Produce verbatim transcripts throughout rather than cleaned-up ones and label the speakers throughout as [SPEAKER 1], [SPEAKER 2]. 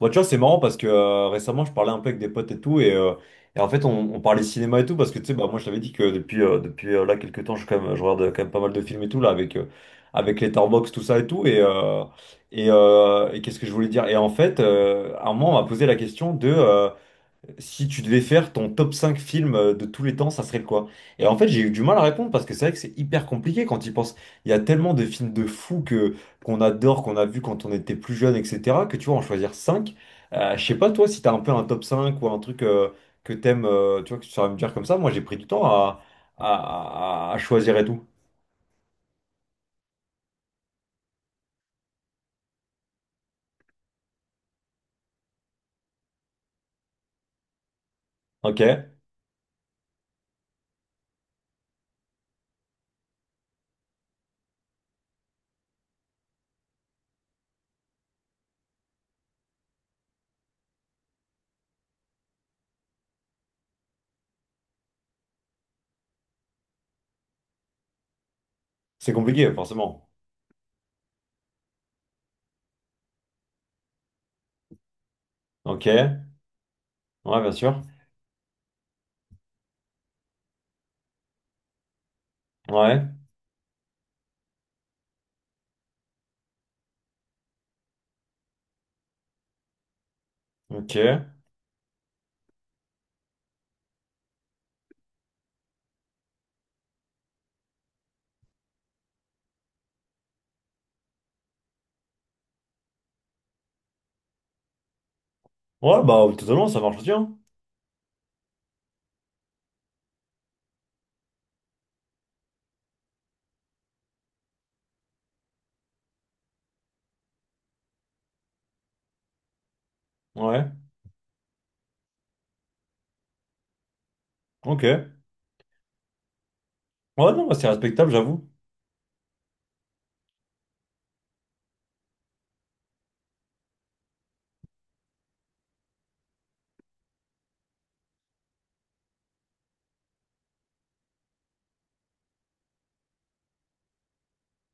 [SPEAKER 1] Bah, tu vois, c'est marrant parce que euh, récemment, je parlais un peu avec des potes et tout, et, euh, et en fait, on, on parlait cinéma et tout, parce que tu sais, bah, moi, je t'avais dit que depuis, euh, depuis euh, là, quelques temps, je, quand même, je regarde quand même pas mal de films et tout, là, avec, euh, avec Letterboxd, tout ça et tout, et, euh, et, euh, et qu'est-ce que je voulais dire? Et en fait, euh, à un moment, on m'a posé la question de. Euh, si tu devais faire ton top cinq films euh, de tous les temps, ça serait le quoi? Et en fait, j'ai eu du mal à répondre parce que c'est vrai que c'est hyper compliqué quand il pense. Il y a tellement de films de fous que qu'on adore, qu'on a vu quand on était plus jeune, et cetera, que tu vois, en choisir cinq. Euh, je sais pas, toi, si t'as un peu un top cinq ou un truc euh, que t'aimes, euh, tu vois, que tu saurais me dire comme ça. Moi, j'ai pris du temps à, à, à- à choisir et tout. Ok? C'est compliqué, forcément. Ok? Ouais, bien sûr. Ouais. Ok. Ouais, bah, totalement, ça marche aussi, hein. Ouais. Ok. Ouais, non, c'est respectable, j'avoue.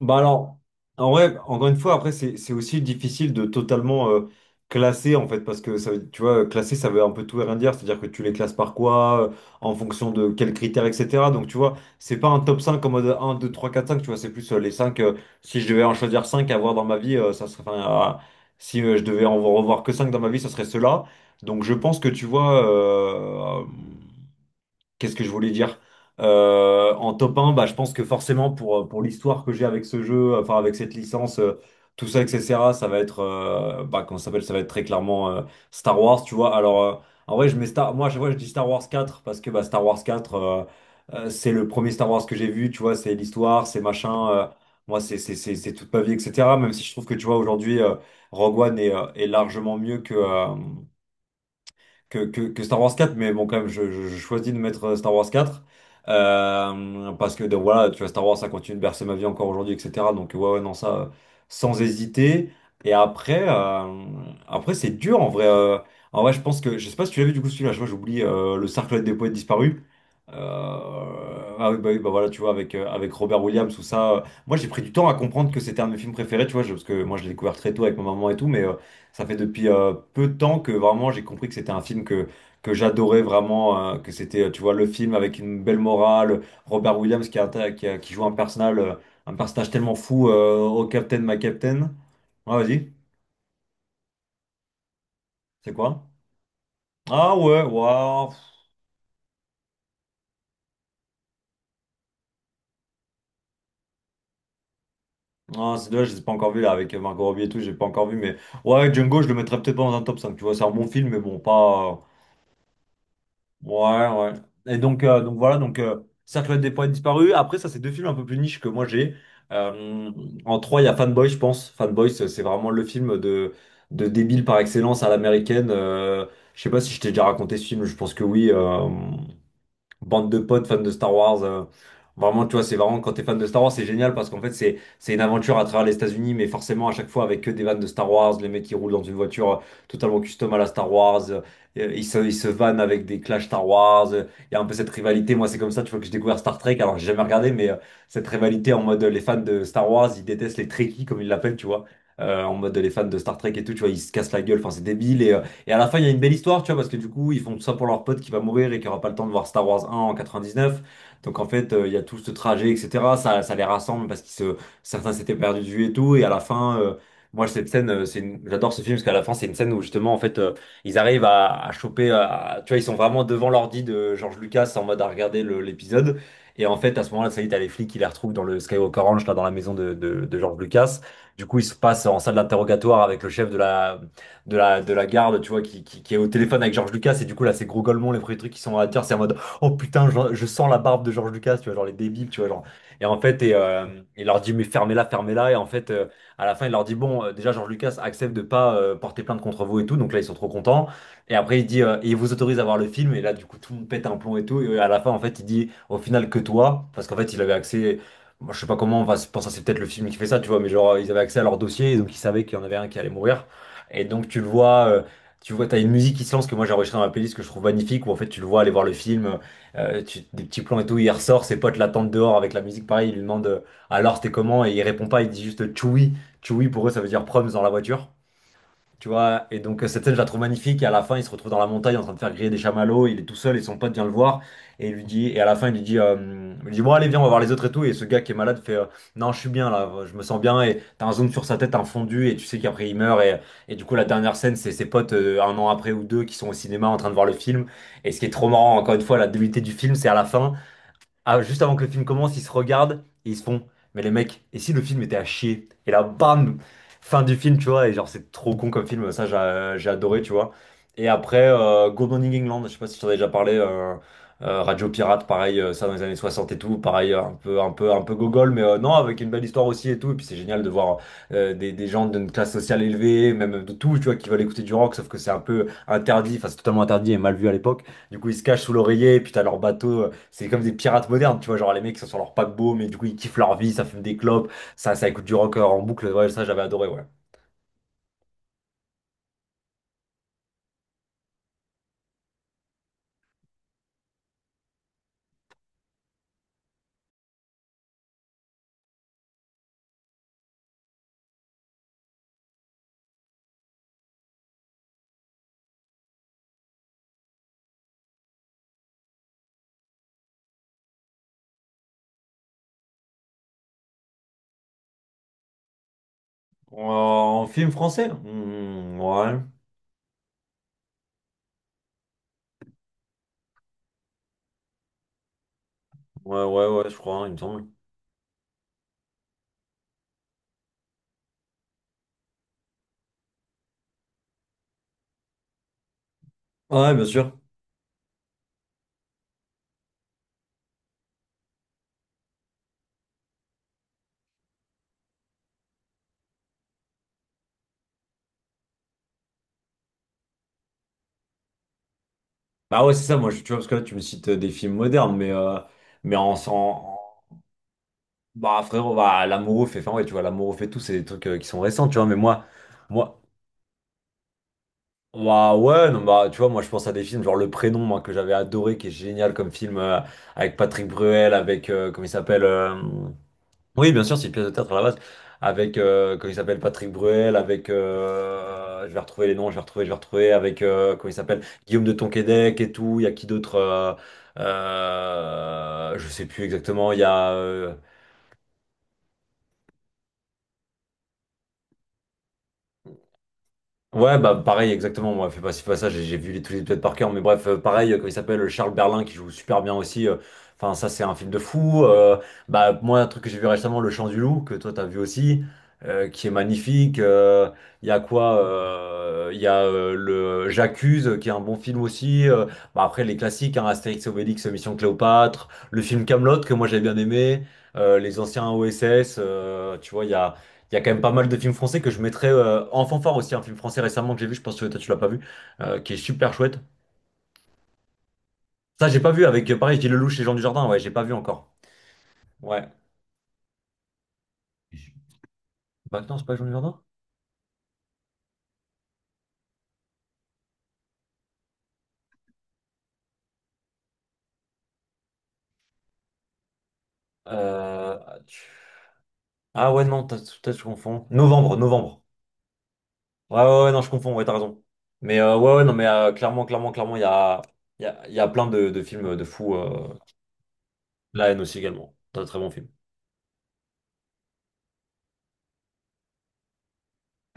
[SPEAKER 1] Bah alors, en vrai, encore une fois, après, c'est c'est aussi difficile de totalement euh, classer, en fait, parce que, ça, veut- tu vois, classer, ça veut un peu tout et rien dire, c'est-à-dire que tu les classes par quoi, euh, en fonction de quels critères, et cetera. Donc, tu vois, c'est pas un top cinq en mode un, deux, trois, quatre, cinq, tu vois, c'est plus euh, les cinq euh, si je devais en choisir cinq à avoir dans ma vie, euh, ça serait, enfin, euh, si euh, je devais en revoir que cinq dans ma vie, ça serait ceux-là. Donc, je pense que, tu vois, euh, qu'est-ce que je voulais dire? Euh, en top un, bah, je pense que forcément pour, euh, pour l'histoire que j'ai avec ce jeu, enfin avec cette licence, euh, tout ça, et cetera, ça va être, euh, bah, comment ça s'appelle? Ça va être très clairement euh, Star Wars, tu vois. Alors, euh, en vrai, je mets Star... Moi, à chaque fois je dis Star Wars quatre, parce que bah, Star Wars quatre, euh, euh, c'est le premier Star Wars que j'ai vu, tu vois, c'est l'histoire, c'est machin, euh, moi c'est c'est- c'est- c'est toute ma vie, et cetera. Même si je trouve que, tu vois, aujourd'hui, euh, Rogue One est, euh, est largement mieux que, euh, que, que, que Star Wars quatre, mais bon, quand même, je, je- je choisis de mettre euh, Star Wars quatre. Euh, parce que donc, voilà, tu vois, Star Wars, ça continue de bercer ma vie encore aujourd'hui, et cetera. Donc, ouais, ouais, non, ça, euh, sans hésiter. Et après, euh, après c'est dur en vrai. Euh, en vrai, je pense que, je sais pas si tu l'as vu du coup celui-là, je vois, j'oublie euh, le Cercle des poètes disparus. Euh, ah oui, bah oui, bah voilà, tu vois, avec, euh, avec Robert Williams, tout ça. Euh, moi, j'ai pris du temps à comprendre que c'était un de mes films préférés, tu vois, je- parce que moi, je l'ai découvert très tôt avec ma maman et tout, mais. euh, ça fait depuis euh, peu de temps que vraiment j'ai compris que c'était un film que, que j'adorais vraiment, euh, que c'était, tu vois, le film avec une belle morale, Robert Williams qui, atta- qui, a- qui joue un personnage, euh, un personnage tellement fou euh, au Captain, ma Captain. Ah, vas-y, c'est quoi? Ah ouais, waouh. Ah, c'est dommage, je ne l'ai pas encore vu là avec Margot Robbie et tout, j'ai pas encore vu, mais ouais, Django, je le mettrais peut-être pas dans un top cinq, tu vois, c'est un bon film, mais bon, pas. euh, Ouais, ouais. Et donc, euh, donc voilà, donc euh, Cercle des poètes disparus. Après, ça, c'est deux films un peu plus niche que moi j'ai. Euh, en trois, il y a Fanboy, je pense. Fanboy, c'est c'est vraiment le film de, de débile par excellence à l'américaine. Euh, je sais pas si je t'ai déjà raconté ce film, je pense que oui. Euh, bande de potes fans de Star Wars. Euh, vraiment, tu vois, c'est vraiment quand t'es fan de Star Wars, c'est génial parce qu'en fait, c'est c'est une aventure à travers les États-Unis, mais forcément à chaque fois avec que des vannes de Star Wars, les mecs qui roulent dans une voiture euh, totalement custom à la Star Wars, euh, ils se ils se vannent avec des clashs Star Wars. euh, Il y a un peu cette rivalité. Moi, c'est comme ça, tu vois, que j'ai découvert Star Trek. Alors, j'ai jamais regardé, mais euh, cette rivalité en mode euh, les fans de Star Wars, ils détestent les Trekkies comme ils l'appellent, tu vois. Euh, en mode les fans de Star Trek et tout, tu vois, ils se cassent la gueule, enfin c'est débile et, euh, et à la fin, il y a une belle histoire, tu vois, parce que du coup, ils font tout ça pour leur pote qui va mourir et qui aura pas le temps de voir Star Wars un en quatre-vingt-dix-neuf. Donc en fait, euh, il y a tout ce trajet, et cetera. Ça, ça les rassemble parce qu'ils se... Certains s'étaient perdus de vue et tout. Et à la fin, euh, moi, cette scène, euh, c'est une- j'adore ce film parce qu'à la fin, c'est une scène où justement, en fait, euh, ils arrivent à, à choper. à- Tu vois, ils sont vraiment devant l'ordi de George Lucas en mode à regarder le- l'épisode. Et en fait, à ce moment-là, ça y est, t'as les flics qui les retrouvent dans le Skywalker Ranch, là, dans la maison de, de, de George Lucas. Du coup, ils se passent en salle d'interrogatoire avec le chef de la, de la, de la garde, tu vois, qui, qui, qui est au téléphone avec George Lucas. Et du coup, là, c'est gros golemons, les premiers trucs qui sont dans la tire, c'est en mode, oh putain, je, je sens la barbe de George Lucas, tu vois, genre les débiles, tu vois, genre. Et en fait, et, euh, il leur dit, mais fermez-la, fermez-la. Et en fait, euh, à la fin, il leur dit, bon, euh, déjà, George Lucas accepte de pas euh, porter plainte contre vous et tout. Donc là, ils sont trop contents. Et après, il dit, euh, et il vous autorise à voir le film. Et là, du coup, tout le monde pète un plomb et tout. Et à la fin, en fait, il dit, au final, que toi, parce qu'en fait, il avait accès. Moi, je sais pas comment, enfin, c'est- pour ça c'est peut-être le film qui fait ça, tu vois, mais genre ils avaient accès à leur dossier, et donc ils savaient qu'il y en avait un qui allait mourir. Et donc tu le vois, euh, tu vois, t'as une musique qui se lance que moi j'ai enregistrée dans ma playlist que je trouve magnifique, où en fait tu le vois aller voir le film, euh, euh, tu- des petits plans et tout, il ressort, ses potes l'attendent dehors avec la musique, pareil, il lui demande euh, alors c'était comment, et il répond pas, il dit juste Chewie, Chewie pour eux ça veut dire proms dans la voiture. Tu vois, et donc euh, cette scène, je la trouve magnifique. Et à la fin, il se retrouve dans la montagne en train de faire griller des chamallows. Il est tout seul et son pote vient le voir. Et, il lui dit, et à la fin, il lui dit, euh, il lui dit bon, allez, viens, on va voir les autres et tout. Et ce gars qui est malade fait euh, non, je suis bien là, je me sens bien. Et t'as un zoom sur sa tête, un fondu. Et tu sais qu'après, il meurt. Et, et du coup, la dernière scène, c'est ses potes euh, un an après ou deux qui sont au cinéma en train de voir le film. Et ce qui est trop marrant, encore une fois, la débilité du film, c'est à la fin. Ah, juste avant que le film commence, ils se regardent et ils se font. Mais les mecs, et si le film était à chier? Et là, bam! Fin du film, tu vois. Et genre, c'est trop con comme film. Ça, j'a- j'ai adoré, tu vois. Et après, euh, Good Morning England, je sais pas si tu en as déjà parlé. euh, euh, Radio Pirate, pareil, euh, ça dans les années soixante et tout. Pareil, euh, un peu, un peu, un peu gogol, mais euh, non, avec une belle histoire aussi et tout. Et puis, c'est génial de voir euh, des, des gens d'une classe sociale élevée, même de tout, tu vois, qui veulent écouter du rock, sauf que c'est un peu interdit. Enfin, c'est totalement interdit et mal vu à l'époque. Du coup, ils se cachent sous l'oreiller, et puis t'as leur bateau. C'est comme des pirates modernes, tu vois, genre les mecs qui sont sur leur paquebot, mais du coup ils kiffent leur vie, ça fume des clopes, ça, ça écoute du rock en boucle, ouais, ça j'avais adoré, ouais. En film français? Hmm, ouais, ouais, ouais, ouais, je crois, hein, il me semble. Ouais, bien sûr. Bah ouais, c'est ça, moi, je- tu vois, parce que là, tu me cites euh, des films modernes, mais, euh, mais en, en- en- bah, frérot, bah, l'amoureux fait... Enfin, ouais, tu vois, l'amour fait tout, c'est des trucs euh, qui sont récents, tu vois, mais moi, moi, bah ouais, non, bah tu vois, moi je pense à des films genre Le Prénom, moi, que j'avais adoré, qui est génial comme film euh, avec Patrick Bruel, avec euh, comment il s'appelle euh, oui, bien sûr, c'est une pièce de théâtre à la base, avec euh, comment il s'appelle Patrick Bruel, avec euh, je vais retrouver les noms, je vais retrouver, je vais retrouver, avec euh, comment il s'appelle Guillaume de Tonquédec et tout. Il y a qui d'autre euh, euh, je sais plus exactement. Il y a euh, ouais, bah pareil, exactement. Moi, fais pas si pas ça, j'ai j'ai vu les, tous les épisodes par cœur. Mais bref, euh, pareil, euh, comme il s'appelle, euh, Charles Berlin, qui joue super bien aussi. euh, Enfin, ça, c'est un film de fou. Euh, bah, moi, un truc que j'ai vu récemment, Le Chant du Loup, que toi, t'as vu aussi, euh, qui est magnifique. euh, Il y a quoi? euh, Il y a euh, le J'accuse, euh, qui est un bon film aussi. Euh, bah, après, les classiques, hein, Astérix et Obélix, euh, Mission Cléopâtre, le film Camelot que moi, j'ai bien aimé, euh, les anciens O S S, euh, tu vois, il y a. Il y a quand même pas mal de films français que je mettrais euh, en fanfare aussi. Un film français récemment que j'ai vu, je pense que toi tu l'as pas vu, euh, qui est super chouette. Ça, j'ai pas vu avec, euh, pareil, Gilles Lelouch et Jean Dujardin. Ouais, j'ai pas vu encore. Ouais. Je- Bah non, c'est pas Jean Dujardin. Euh... tu- Ah ouais, non, t'as- peut-être je confonds. Novembre, novembre. Ouais, ouais, ouais, non, je confonds, ouais, t'as raison. Mais euh, ouais, ouais, non, mais euh, clairement, clairement, clairement, il y a, il y a, il y a plein de, de films de fous. euh, La haine aussi également. C'est un très bon film.